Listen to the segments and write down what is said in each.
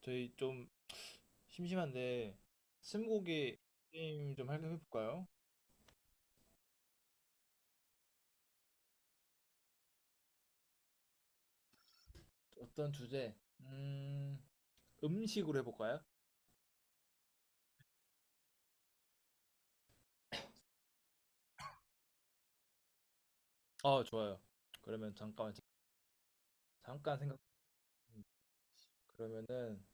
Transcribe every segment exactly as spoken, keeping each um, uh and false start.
저희 좀 심심한데 스무고개 게임 좀 할까 해볼까요? 어떤 주제? 음, 음식으로 해볼까요? 아, 좋아요. 그러면 잠깐만 잠깐 생각. 그러면은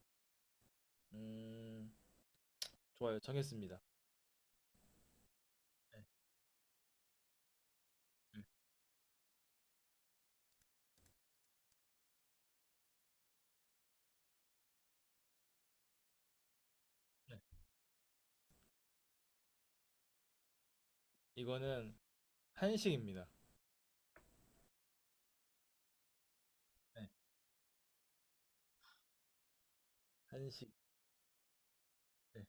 음, 좋아요. 정했습니다. 네, 네, 네. 이거는 한식입니다. 네, 한식. 네.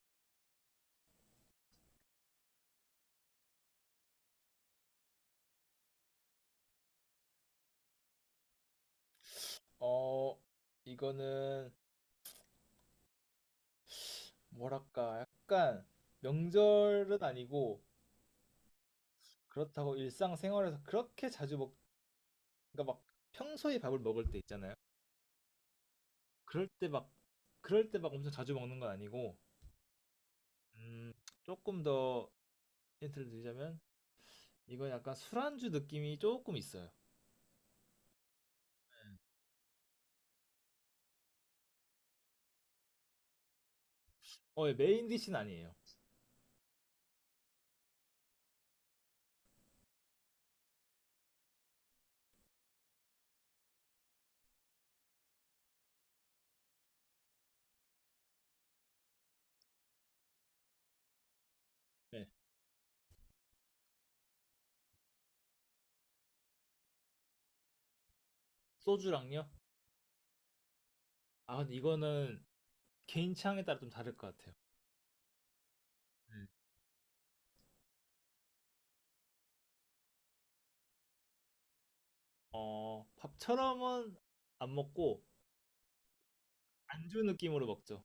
어, 이거는 뭐랄까 약간 명절은 아니고 그렇다고 일상생활에서 그렇게 자주 먹 그러니까 막 평소에 밥을 먹을 때 있잖아요. 그럴 때 막 그럴 때 막 엄청 자주 먹는 건 아니고. 음, 조금 더 힌트를 드리자면 이건 약간 술안주 느낌이 조금 있어요. 어, 예, 메인 디시는 아니에요. 네. 소주랑요? 아, 근데 이거는 개인 취향에 따라 좀 다를 것 같아요. 네. 어, 밥처럼은 안 먹고 안주 느낌으로 먹죠.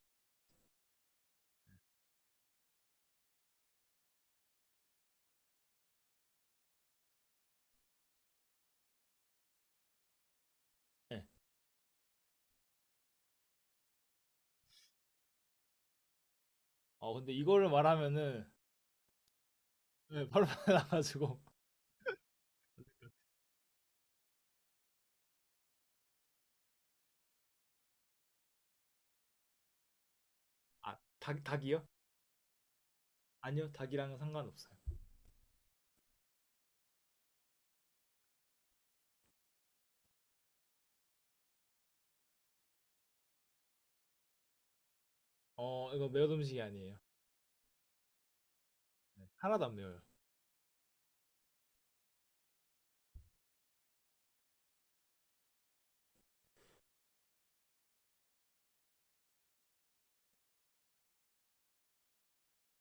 네. 어, 근데 이거를 말하면은 네, 바로 나가지고 아, 닭 닭이요? 아니요, 닭이랑은 상관없어요. 어, 이거 매운 음식이 아니에요. 하나도 안 매워요.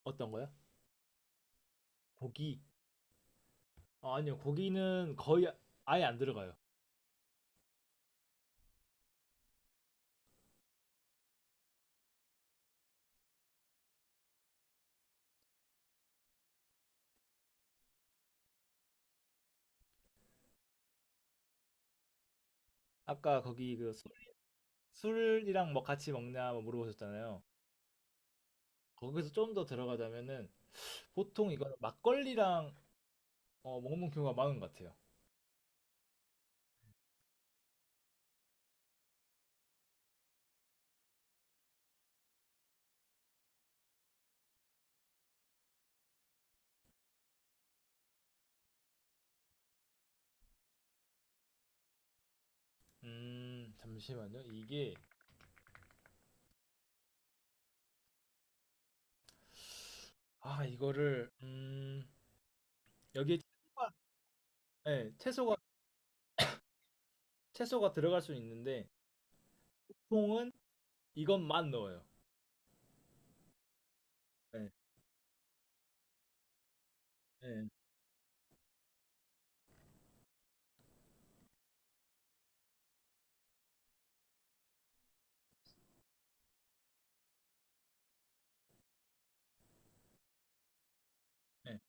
어떤 거요? 고기. 어, 아니요, 고기는 거의 아- 아예 안 들어가요. 아까 거기 그 술, 술이랑 뭐 같이 먹냐 뭐 물어보셨잖아요. 거기서 좀 더 들어가자면은 보통 이거는 막걸리랑 어, 먹는 경우가 많은 것 같아요. 음, 잠시만요. 이게 아 이거를 음 여기에 채소가 네, 채소가 채소가 들어갈 수 있는데 보통은 이것만 넣어요. 네, 네, 네,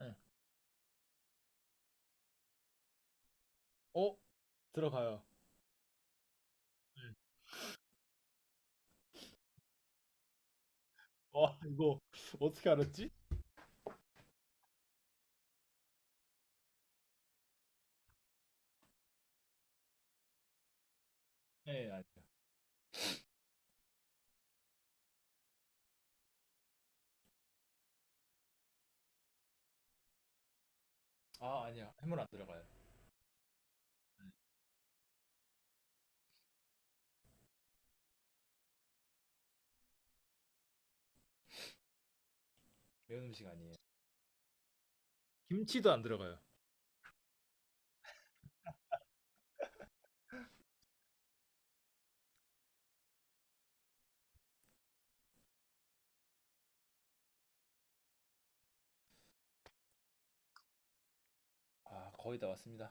네. 어? 들어가요. 네. 와 이거 어떻게 알았지? 네, 아니요. 아, 아니요. 해물 안 들어가요. 매운 음식 아니에요. 김치도 안 들어가요. 아, 거의 다 왔습니다.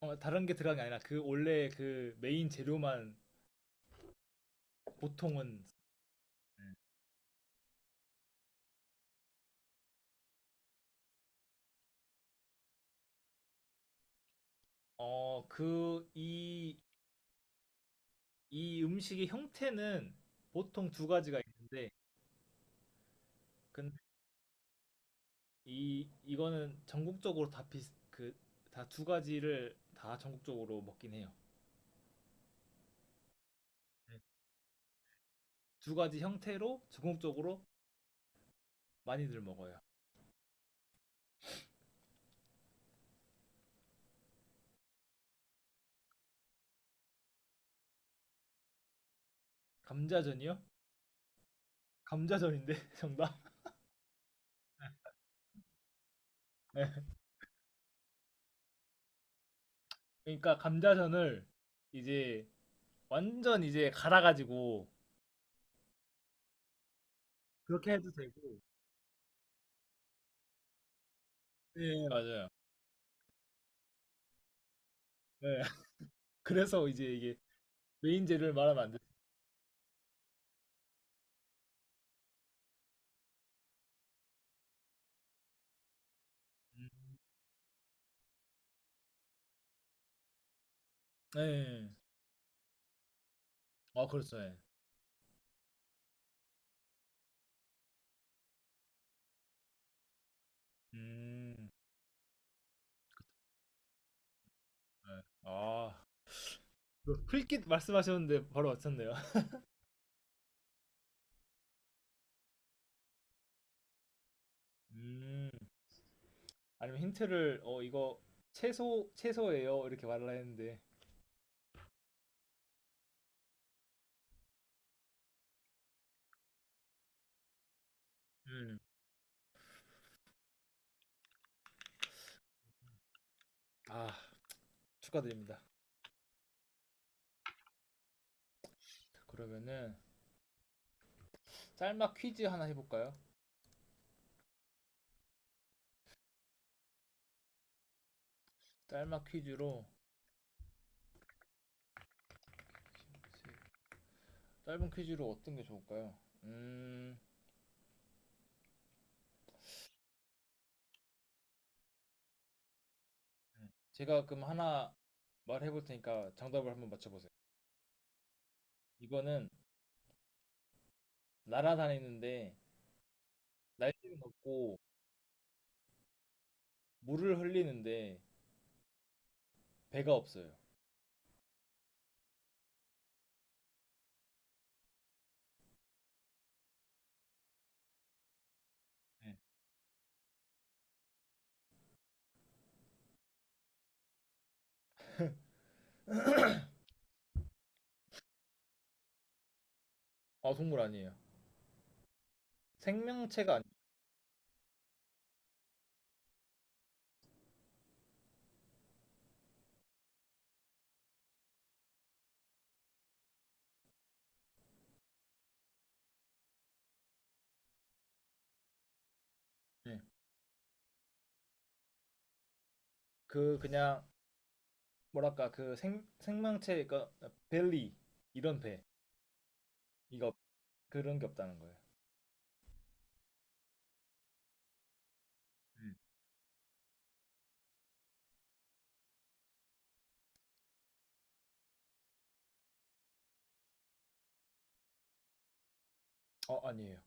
어, 다른 게 들어간 게 아니라 그 원래 그 메인 재료만 보통은. 네. 어, 그 이 이 음식의 형태는 보통 두 가지가 있는데 근데 이 이거는 전국적으로 다 비슷 그다 두 가지를 다 전국적으로 먹긴 해요. 네. 두 가지 형태로 전국적으로 많이들 먹어요. 감자전이요? 감자전인데 정답? 네. 그러니까 감자전을 이제 완전 이제 갈아가지고 그렇게 해도 되고. 네, 맞아요. 네. 그래서 이제 이게 메인 재료를 말하면 안 돼. 음, 네. 아, 그렇죠. 네. 음. 네. 아. 그 풀깃 말씀하셨는데 바로 맞췄네요. 음. 아니면 힌트를 어 이거 채소 채소예요. 이렇게 말을 했는데. 음. 아, 축하드립니다. 그러면은 짤막 퀴즈 하나 해 볼까요? 짤막 퀴즈로 짧은 퀴즈로 어떤 게 좋을까요? 음, 음. 제가 그럼 하나 말해볼 테니까 정답을 한번 맞춰보세요. 이거는 날아다니는데 날개는 없고 물을 흘리는데 배가 없어요. 네. 아, 동물 아니에요. 생명체가 아니에요. 네. 그 그냥 뭐랄까 그 생, 생명체 그러니까 벨리 이런 배 이거 그런 게 없다는 거예요. 음. 어, 아니에요.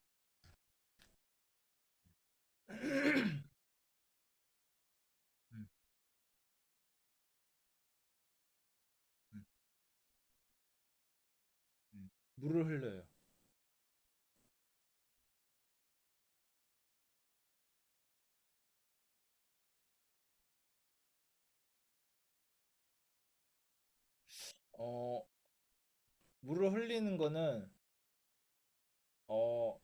음, 음, 음. 물을 흘려요. 어, 물을 흘리는 거는 어,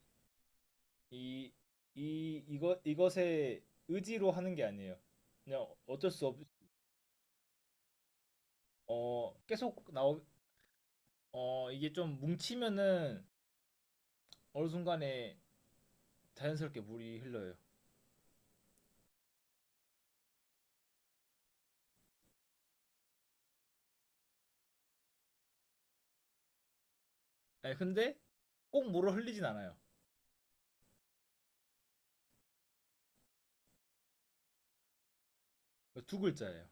이, 이, 이것, 이것에 의지로 하는 게 아니에요. 그냥 어쩔 수 없, 어, 계속 나오, 어, 이게 좀 뭉치면은 어느 순간에 자연스럽게 물이 흘러요. 네, 근데 꼭 물을 흘리진 않아요. 두 글자예요.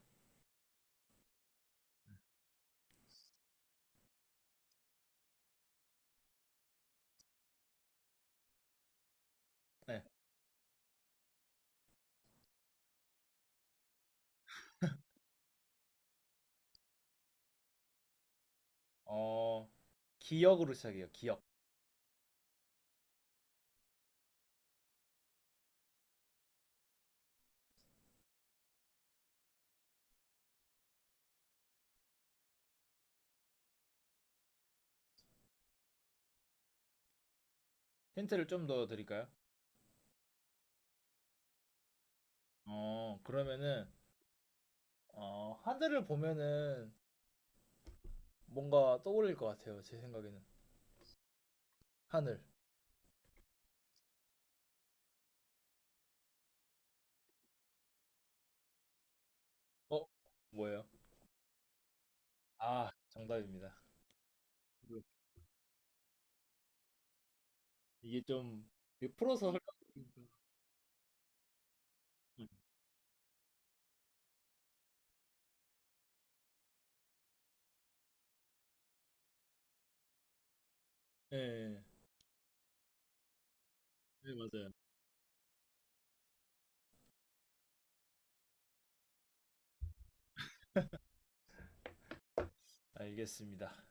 네, 어, 기억으로 시작해요. 기억. 힌트를 좀 더 드릴까요? 어, 그러면은, 어, 하늘을 보면은 뭔가 떠올릴 것 같아요. 제 생각에는. 하늘. 어, 뭐예요? 아, 정답입니다. 이게 좀 이게 풀어서 할까고 예, 예, 네, 맞아요. 알겠습니다.